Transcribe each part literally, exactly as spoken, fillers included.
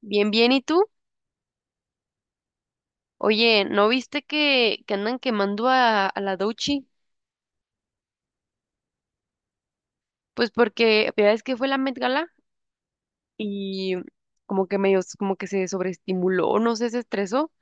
Bien, bien, ¿y tú? Oye, ¿no viste que, que andan quemando a, a la Dochi? Pues porque ya es que fue la Met Gala y como que medio, s- como que se sobreestimuló, no sé, se estresó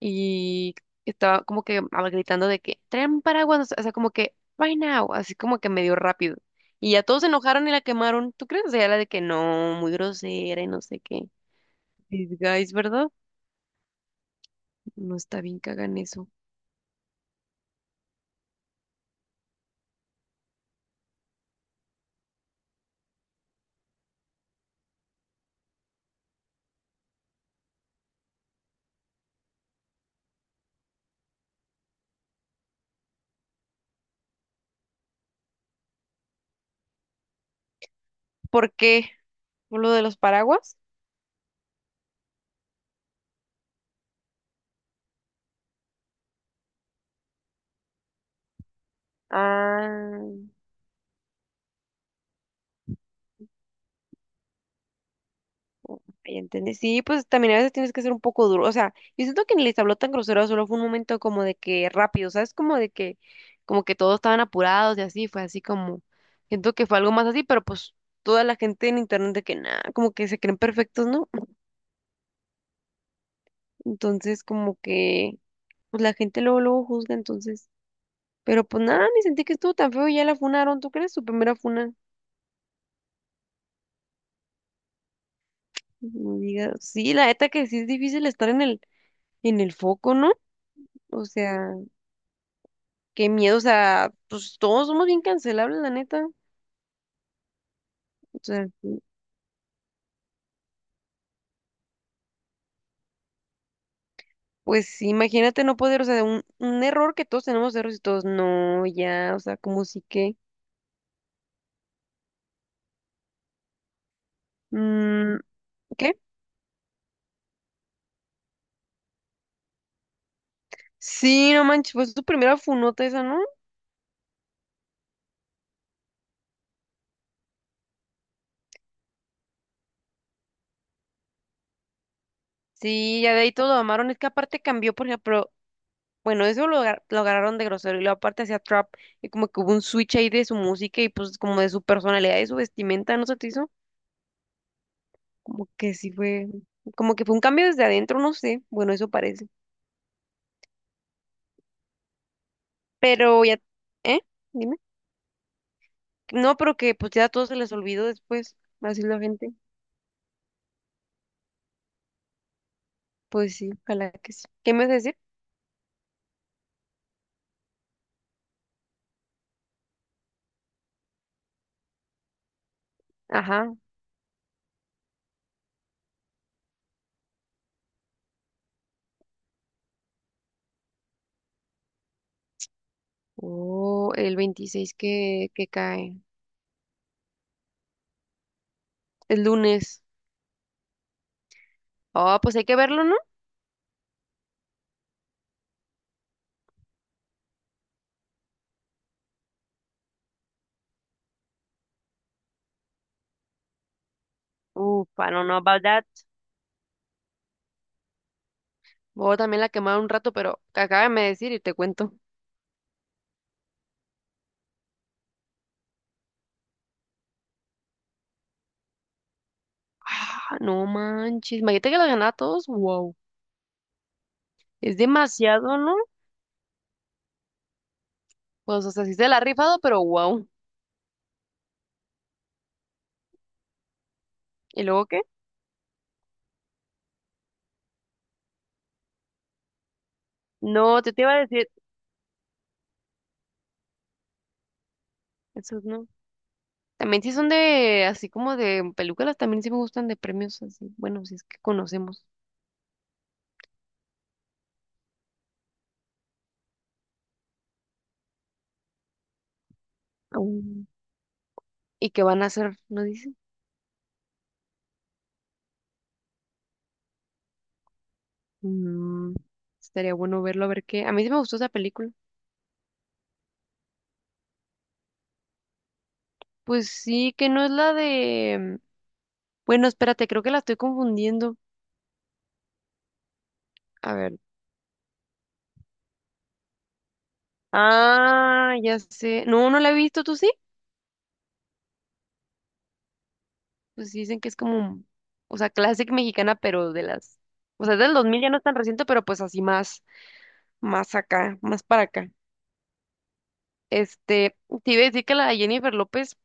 y estaba como que ah, gritando de que traen paraguas, no sé, o sea, como que right now, así como que medio rápido. Y ya todos se enojaron y la quemaron, ¿tú crees? O sea, la de que no, muy grosera y no sé qué. These guys, ¿verdad? No está bien que hagan eso. ¿Por qué? ¿Por lo de los paraguas? Ah. Ya entendí. Sí, pues también a veces tienes que ser un poco duro. O sea, yo siento que ni les habló tan grosero, solo fue un momento como de que rápido, ¿sabes? Como de que, como que todos estaban apurados y así, fue así como, siento que fue algo más así, pero pues toda la gente en internet de que nada, como que se creen perfectos, ¿no? Entonces, como que, pues la gente luego, luego juzga, entonces. Pero pues nada, ni sentí que estuvo tan feo y ya la funaron, ¿tú crees? Su primera funa. No digas. Sí, la neta que sí es difícil estar en el, en el foco, ¿no? O sea. Qué miedo, o sea, pues todos somos bien cancelables, la neta. O sea, pues sí, imagínate no poder, o sea, de un, un error que todos tenemos errores y todos, no, ya, o sea, como sí que. mm, ¿qué? Sí, no manches, pues tu primera funota esa, ¿no? Sí, ya de ahí todo lo amaron. Es que aparte cambió, por ejemplo, bueno, eso lo, agar- lo agarraron de grosero y luego aparte hacía trap y como que hubo un switch ahí de su música y pues como de su personalidad y su vestimenta, ¿no se te hizo? Como que sí fue, como que fue un cambio desde adentro, no sé, bueno, eso parece. Pero ya, ¿eh? Dime. No, pero que pues ya a todos se les olvidó después, así la gente. Pues sí, ojalá que sí. ¿Qué me vas a decir? Ajá. Oh, el veintiséis que, que cae. El lunes. Oh, pues hay que verlo, ¿no? Uf, I don't know about that. Voy también la quemar un rato, pero acábame de decir y te cuento. Ah, no manches. Imagínate que la ganaba a todos. Wow. Es demasiado, ¿no? Pues, o sea, sí se la ha rifado, pero wow. ¿Y luego qué? No, te te iba a decir. Eso no. También sí son de, así como de películas, también sí me gustan de premios así. Bueno, si es que conocemos. Aún, ¿y que van a hacer? ¿No dicen? Mm, estaría bueno verlo, a ver qué. A mí sí me gustó esa película. Pues sí, que no es la de... Bueno, espérate, creo que la estoy confundiendo. A ver. Ah, ya sé. No, no la he visto, ¿tú sí? Pues sí dicen que es como, o sea, clásica mexicana, pero de las... O sea, es del dos mil, ya no es tan reciente, pero pues así más, más acá, más para acá. Este, te iba a decir que la Jennifer López,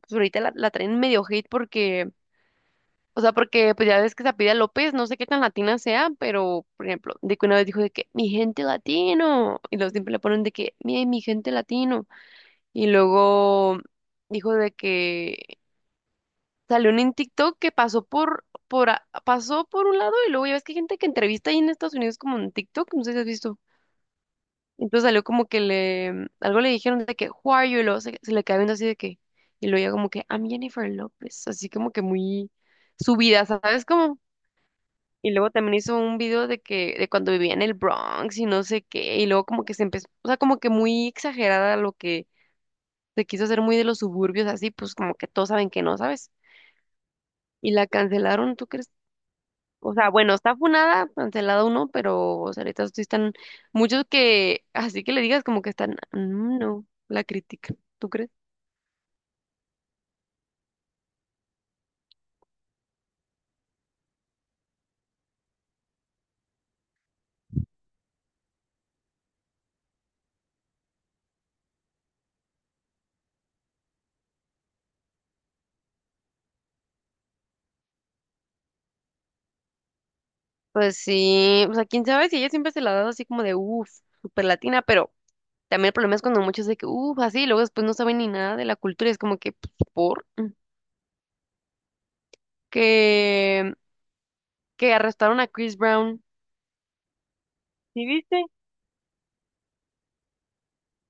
pues ahorita la, la traen medio hate porque, o sea, porque pues ya ves que Pida López, no sé qué tan latina sea, pero, por ejemplo, de que una vez dijo de que mi gente latino, y luego siempre le ponen de que mi, mi gente latino, y luego dijo de que salió un en TikTok que pasó por, por, a- pasó por un lado, y luego ya ves que hay gente que entrevista ahí en Estados Unidos como en TikTok, no sé si has visto. Entonces salió como que le, mm, algo le dijeron de que, who are you? Y luego se, se le queda viendo así de que, y luego ya como que, I'm Jennifer López, así como que muy subida, ¿sabes cómo? Y luego también hizo un video de que, de cuando vivía en el Bronx y no sé qué, y luego como que se empezó, o sea, como que muy exagerada lo que se quiso hacer muy de los suburbios, así, pues como que todos saben que no, ¿sabes? Y la cancelaron, ¿tú crees? O sea, bueno, está funada, cancelado uno, pero o sea, ahorita sí están muchos que, así que le digas como que están, "Mm, no", la crítica, ¿tú crees? Pues sí, o sea, quién sabe si ella siempre se la ha dado así como de, uff, super latina, pero también el problema es cuando muchos de que, uff, así, y luego después no saben ni nada de la cultura, es como que, pues, por, mm, que, que arrestaron a Chris Brown, ¿sí viste?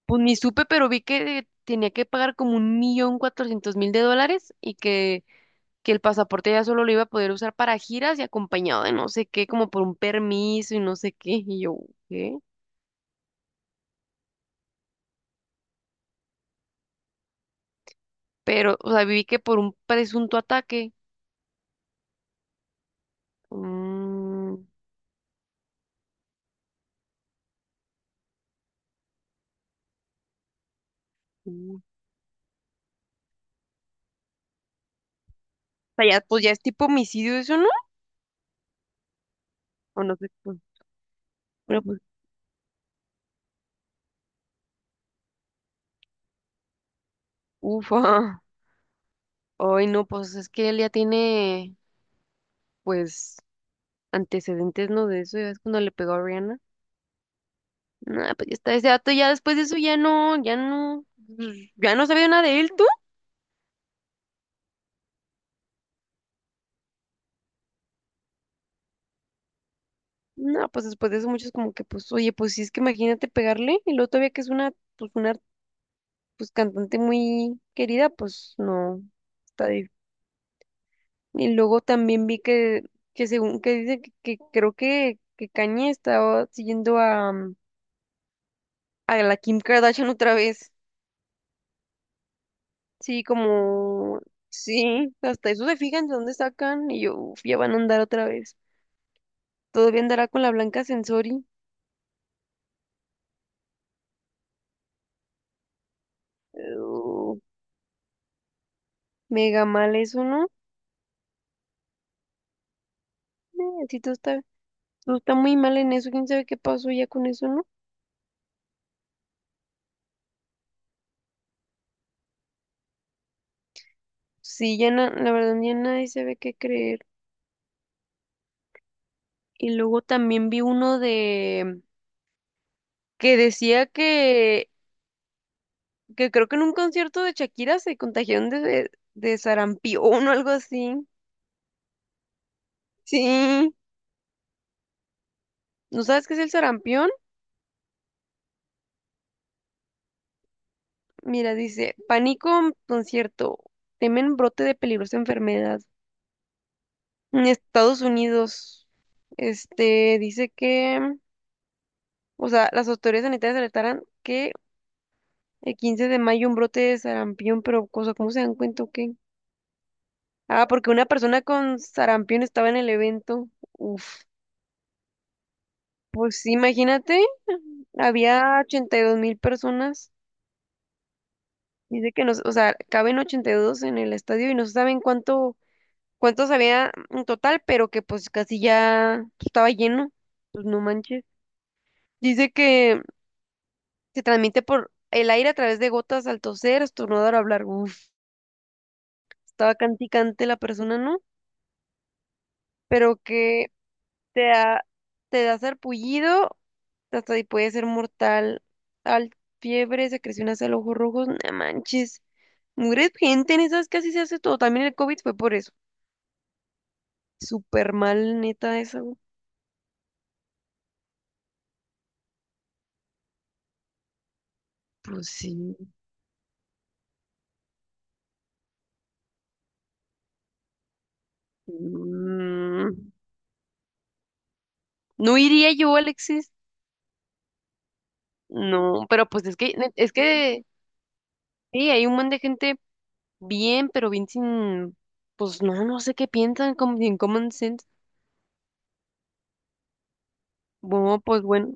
Pues ni supe, pero vi que tenía que pagar como un millón cuatrocientos mil de dólares y que que el pasaporte ya solo lo iba a poder usar para giras y acompañado de no sé qué, como por un permiso y no sé qué. Y yo, ¿qué? Pero, o sea, vi que por un presunto ataque. Mm, mm. O sea, ya, pues ya es tipo homicidio eso, ¿no? O no sé, pues. Bueno, pues, ufa. Ay, no, pues es que él ya tiene, pues, antecedentes, ¿no? De eso, ya ves cuando le pegó a Rihanna. Nah, pues ya está ese dato, ya después de eso ya no, ya no, pues, ya no sabía nada de él. No, pues después de eso muchos como que, pues, oye, pues si es que imagínate pegarle y luego todavía que es una, pues, una, pues, cantante muy querida, pues, no, está difícil. Y luego también vi que, que según que dice que, que creo que, que Kanye estaba siguiendo a, mm, a la Kim Kardashian otra vez. Sí, como, sí, hasta eso se fijan de dónde sacan y yo, uf, ya van a andar otra vez. Todavía andará con la Blanca Sensori. Uh, mega mal eso, ¿no? Eh, sí, todo está. No, está muy mal en eso. ¿Quién sabe qué pasó ya con eso, no? Sí, ya na- la verdad ya nadie sabe qué creer. Y luego también vi uno de que decía que, que creo que en un concierto de Shakira se contagiaron de, de sarampión o algo así. Sí. ¿No sabes qué es el sarampión? Mira, dice, pánico en concierto, temen brote de peligrosa enfermedad. En Estados Unidos, este, dice que, o sea, las autoridades sanitarias alertaron que el quince de mayo un brote de sarampión, pero cosa, ¿cómo se dan cuenta o qué? Ah, porque una persona con sarampión estaba en el evento. Uf, pues sí, imagínate, había ochenta y dos mil personas. Dice que nos, o sea, caben ochenta y dos en el estadio y no se saben cuánto, cuántos había en total, pero que pues casi ya estaba lleno. Pues no manches. Dice que se transmite por el aire a través de gotas al toser, estornudar o hablar. Uf, estaba canticante la persona, ¿no? Pero que te da, te da sarpullido, hasta ahí puede ser mortal. Al fiebre, secreción hasta los ojos rojos, no manches. Mugre gente en esas casi se hace todo. También el COVID fue por eso. Súper mal, neta, eso. Pues sí. Mm, no iría yo, Alexis. No, pero pues es que, ne- es que, sí, hay un montón de gente bien, pero bien sin, pues no, no sé qué piensan, como sin common sense. Bueno, pues bueno,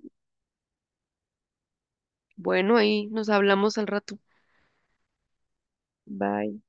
bueno, ahí nos hablamos al rato. Bye.